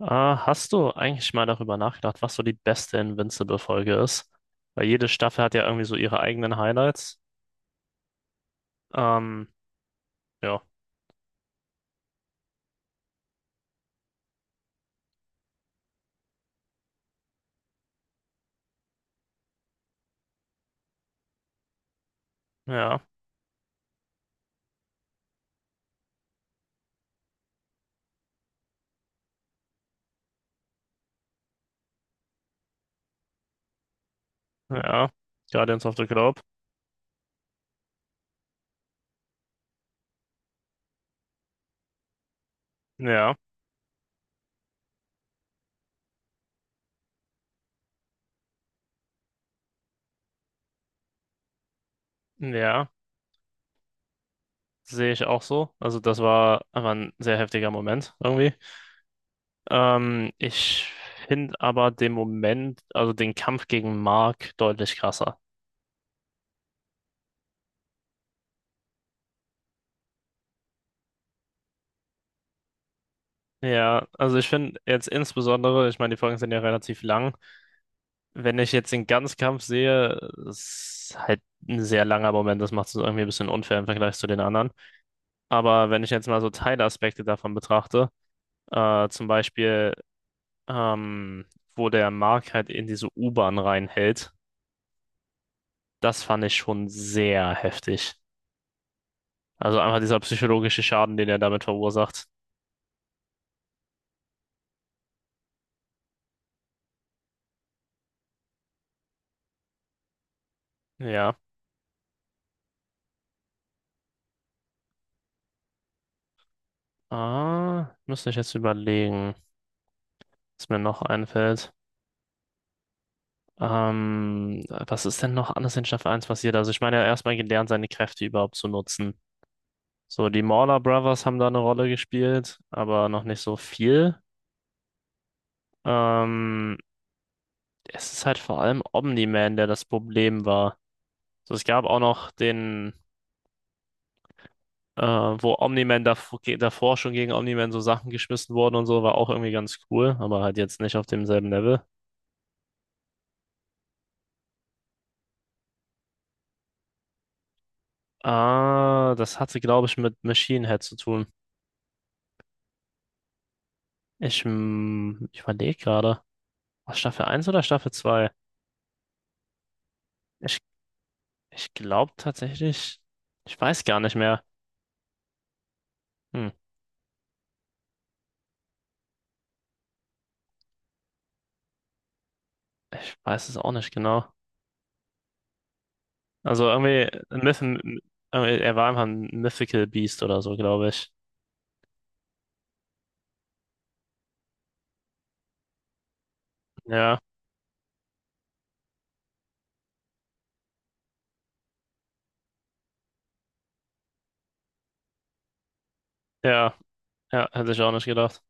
Hast du eigentlich mal darüber nachgedacht, was so die beste Invincible-Folge ist? Weil jede Staffel hat ja irgendwie so ihre eigenen Highlights. Ähm, ja, ja, ja. Guardians of the Globe. Ja, ja. Sehe ich auch so. Also das war einfach ein sehr heftiger Moment irgendwie. Ich finde aber den Moment, also den Kampf gegen Mark deutlich krasser. Ja, also ich finde jetzt insbesondere, ich meine, die Folgen sind ja relativ lang. Wenn ich jetzt den Ganzkampf sehe, ist halt ein sehr langer Moment. Das macht es irgendwie ein bisschen unfair im Vergleich zu den anderen. Aber wenn ich jetzt mal so Teilaspekte davon betrachte, zum Beispiel, ähm, wo der Mark halt in diese U-Bahn reinhält, das fand ich schon sehr heftig. Also einfach dieser psychologische Schaden, den er damit verursacht. Ja. Müsste ich jetzt überlegen, was mir noch einfällt. Was ist denn noch anders in Staffel eins passiert? Also ich meine, er hat erstmal gelernt, seine Kräfte überhaupt zu nutzen. So, die Mauler Brothers haben da eine Rolle gespielt, aber noch nicht so viel. Ähm, es ist halt vor allem Omni-Man, der das Problem war. So, es gab auch noch, wo Omni-Man davor schon gegen Omni-Man so Sachen geschmissen wurden und so, war auch irgendwie ganz cool, aber halt jetzt nicht auf demselben Level. Das hatte, glaube ich, mit Machine Head zu tun. Ich überlege gerade. War Staffel eins oder Staffel 2? Ich, ich glaube tatsächlich, ich weiß gar nicht mehr. Hm, ich weiß es auch nicht genau. Also irgendwie, Myth, irgendwie, er war einfach ein Mythical Beast oder so, glaube ich. Ja, ja, ja, hätte ich auch nicht gedacht.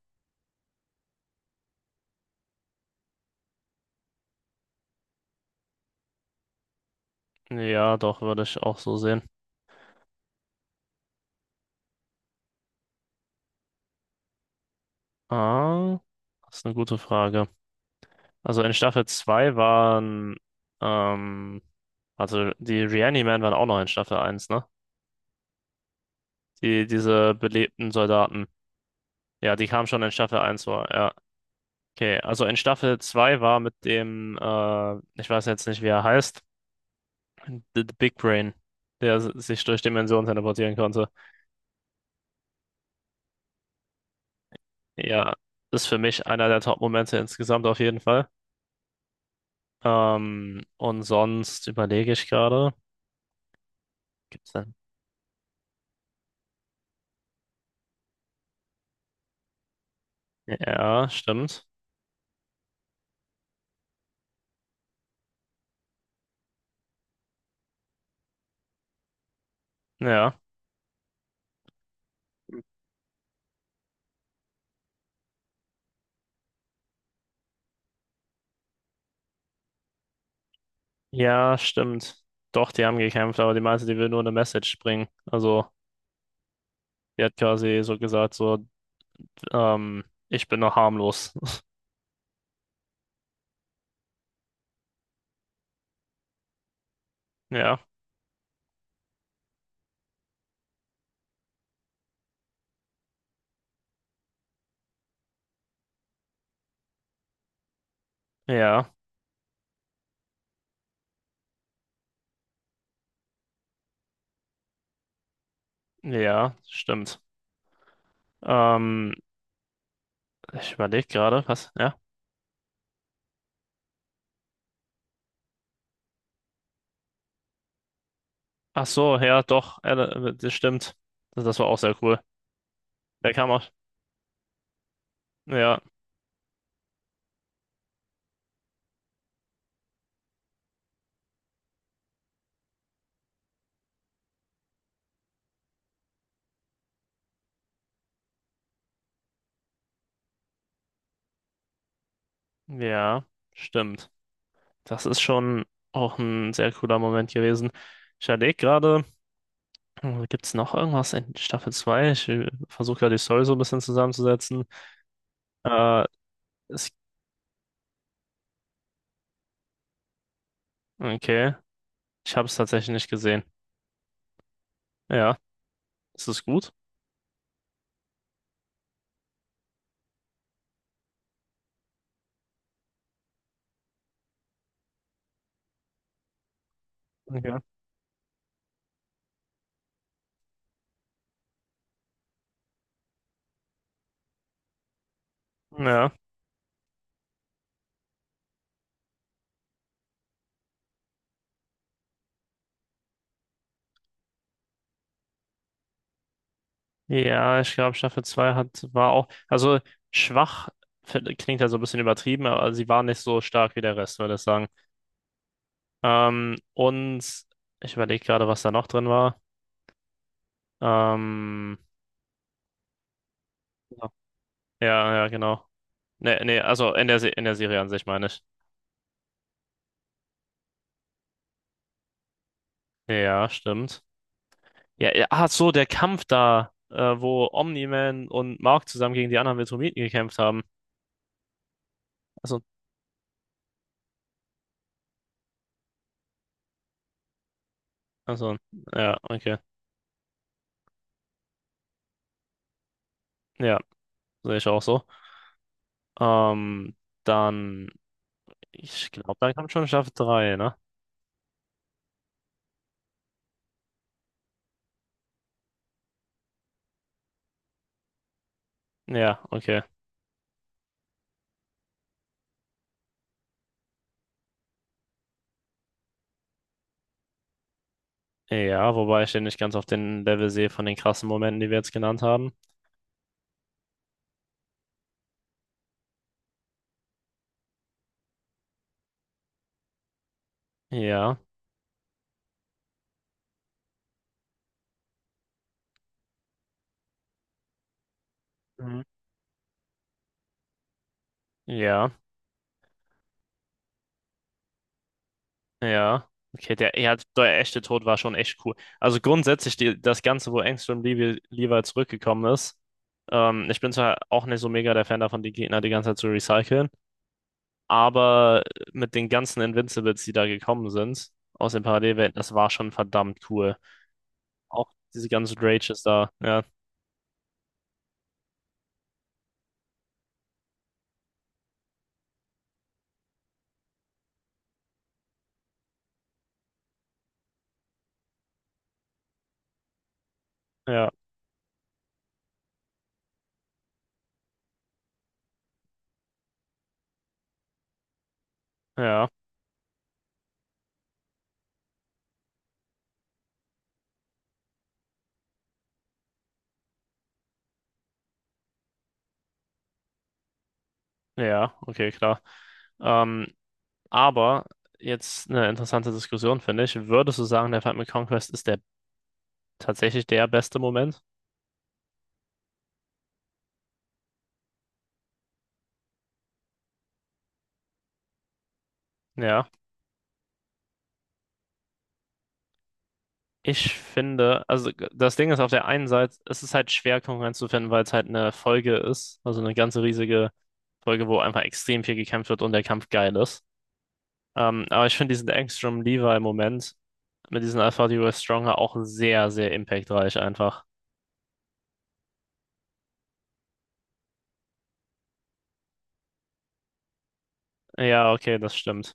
Ja, doch, würde ich auch so sehen. Ah, das ist eine gute Frage. Also in Staffel 2 waren, ähm, also die Reanimen waren auch noch in Staffel eins, ne? Die, diese belebten Soldaten. Ja, die kamen schon in Staffel eins vor, ja. Okay, also in Staffel 2 war mit dem, ich weiß jetzt nicht, wie er heißt, The Big Brain, der sich durch Dimensionen teleportieren konnte. Ja, ist für mich einer der Top-Momente insgesamt auf jeden Fall. Und sonst überlege ich gerade. Gibt's denn? Ja, stimmt. Ja, ja, stimmt. Doch, die haben gekämpft, aber die meinte, die will nur eine Message bringen. Also, die hat quasi so gesagt, so, ähm, ich bin noch harmlos. Ja, ja, ja, stimmt. Ähm, ich überlege gerade, was? Ja. Ach so, ja, doch, ja, das stimmt. Das war auch sehr cool. Der kam auch. Ja, ja, stimmt. Das ist schon auch ein sehr cooler Moment gewesen. Ich überlege gerade, gibt es noch irgendwas in Staffel 2? Ich versuche gerade die Story so ein bisschen zusammenzusetzen. Äh, ist, okay, ich habe es tatsächlich nicht gesehen. Ja, ist es gut? Okay. Ja. Ja, ich glaube, Staffel 2 hat, war auch, also schwach klingt ja so ein bisschen übertrieben, aber sie war nicht so stark wie der Rest, würde ich sagen. Und ich überlege gerade, was da noch drin war. Ähm, ja, ja, genau. Nee, nee, also in der, in der Serie an sich meine ich. Ja, stimmt. Ja, ja, ach so, der Kampf da, wo Omni-Man und Mark zusammen gegen die anderen Viltrumiten gekämpft haben. Also, also, ja, okay. Ja, sehe ich auch so. Ähm, dann. Ich glaube, dann kommt schon Staffel 3, ne? Ja, okay. Ja, wobei ich den nicht ganz auf den Level sehe von den krassen Momenten, die wir jetzt genannt haben. Ja, mhm, ja, ja. Okay, der, ja, der echte Tod war schon echt cool. Also grundsätzlich die, das Ganze, wo Angstrom Levi, Levi zurückgekommen ist. Ich bin zwar auch nicht so mega der Fan davon, die Gegner die ganze Zeit zu recyceln, aber mit den ganzen Invincibles, die da gekommen sind, aus den Parallelwelten, das war schon verdammt cool. Auch diese ganzen Rages da. Ja, ja, ja. Ja, okay, klar. Ähm, aber jetzt eine interessante Diskussion, finde ich. Würdest du sagen, der Fight mit Conquest ist der tatsächlich der beste Moment? Ja. Ich finde, also das Ding ist auf der einen Seite, es ist halt schwer, Konkurrenz zu finden, weil es halt eine Folge ist, also eine ganze riesige Folge, wo einfach extrem viel gekämpft wird und der Kampf geil ist. Aber ich finde diesen Angstrom-Levi-Moment mit diesen Alpha Duo Stronger auch sehr, sehr impactreich einfach. Ja, okay, das stimmt.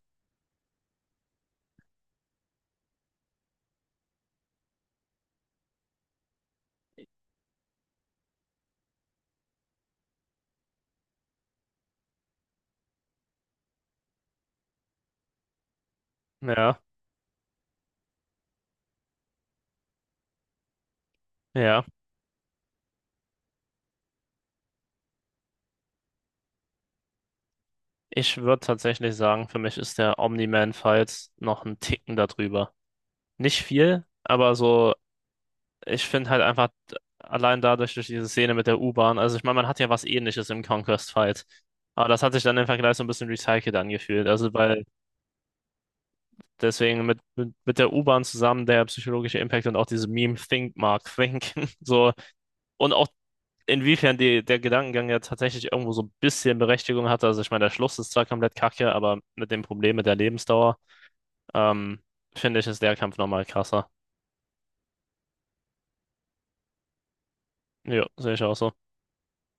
Ja, ja. Ich würde tatsächlich sagen, für mich ist der Omni-Man Files noch ein Ticken darüber. Nicht viel, aber so, ich finde halt einfach allein dadurch, durch diese Szene mit der U-Bahn, also ich meine, man hat ja was Ähnliches im Conquest Fight. Aber das hat sich dann im Vergleich so ein bisschen recycelt angefühlt. Also, weil deswegen mit der U-Bahn zusammen der psychologische Impact und auch diese Meme Think Mark Think, so und auch inwiefern die, der Gedankengang ja tatsächlich irgendwo so ein bisschen Berechtigung hatte. Also, ich meine, der Schluss ist zwar komplett kacke, aber mit dem Problem mit der Lebensdauer. Ähm, finde ich, ist der Kampf nochmal krasser. Ja, sehe ich auch so.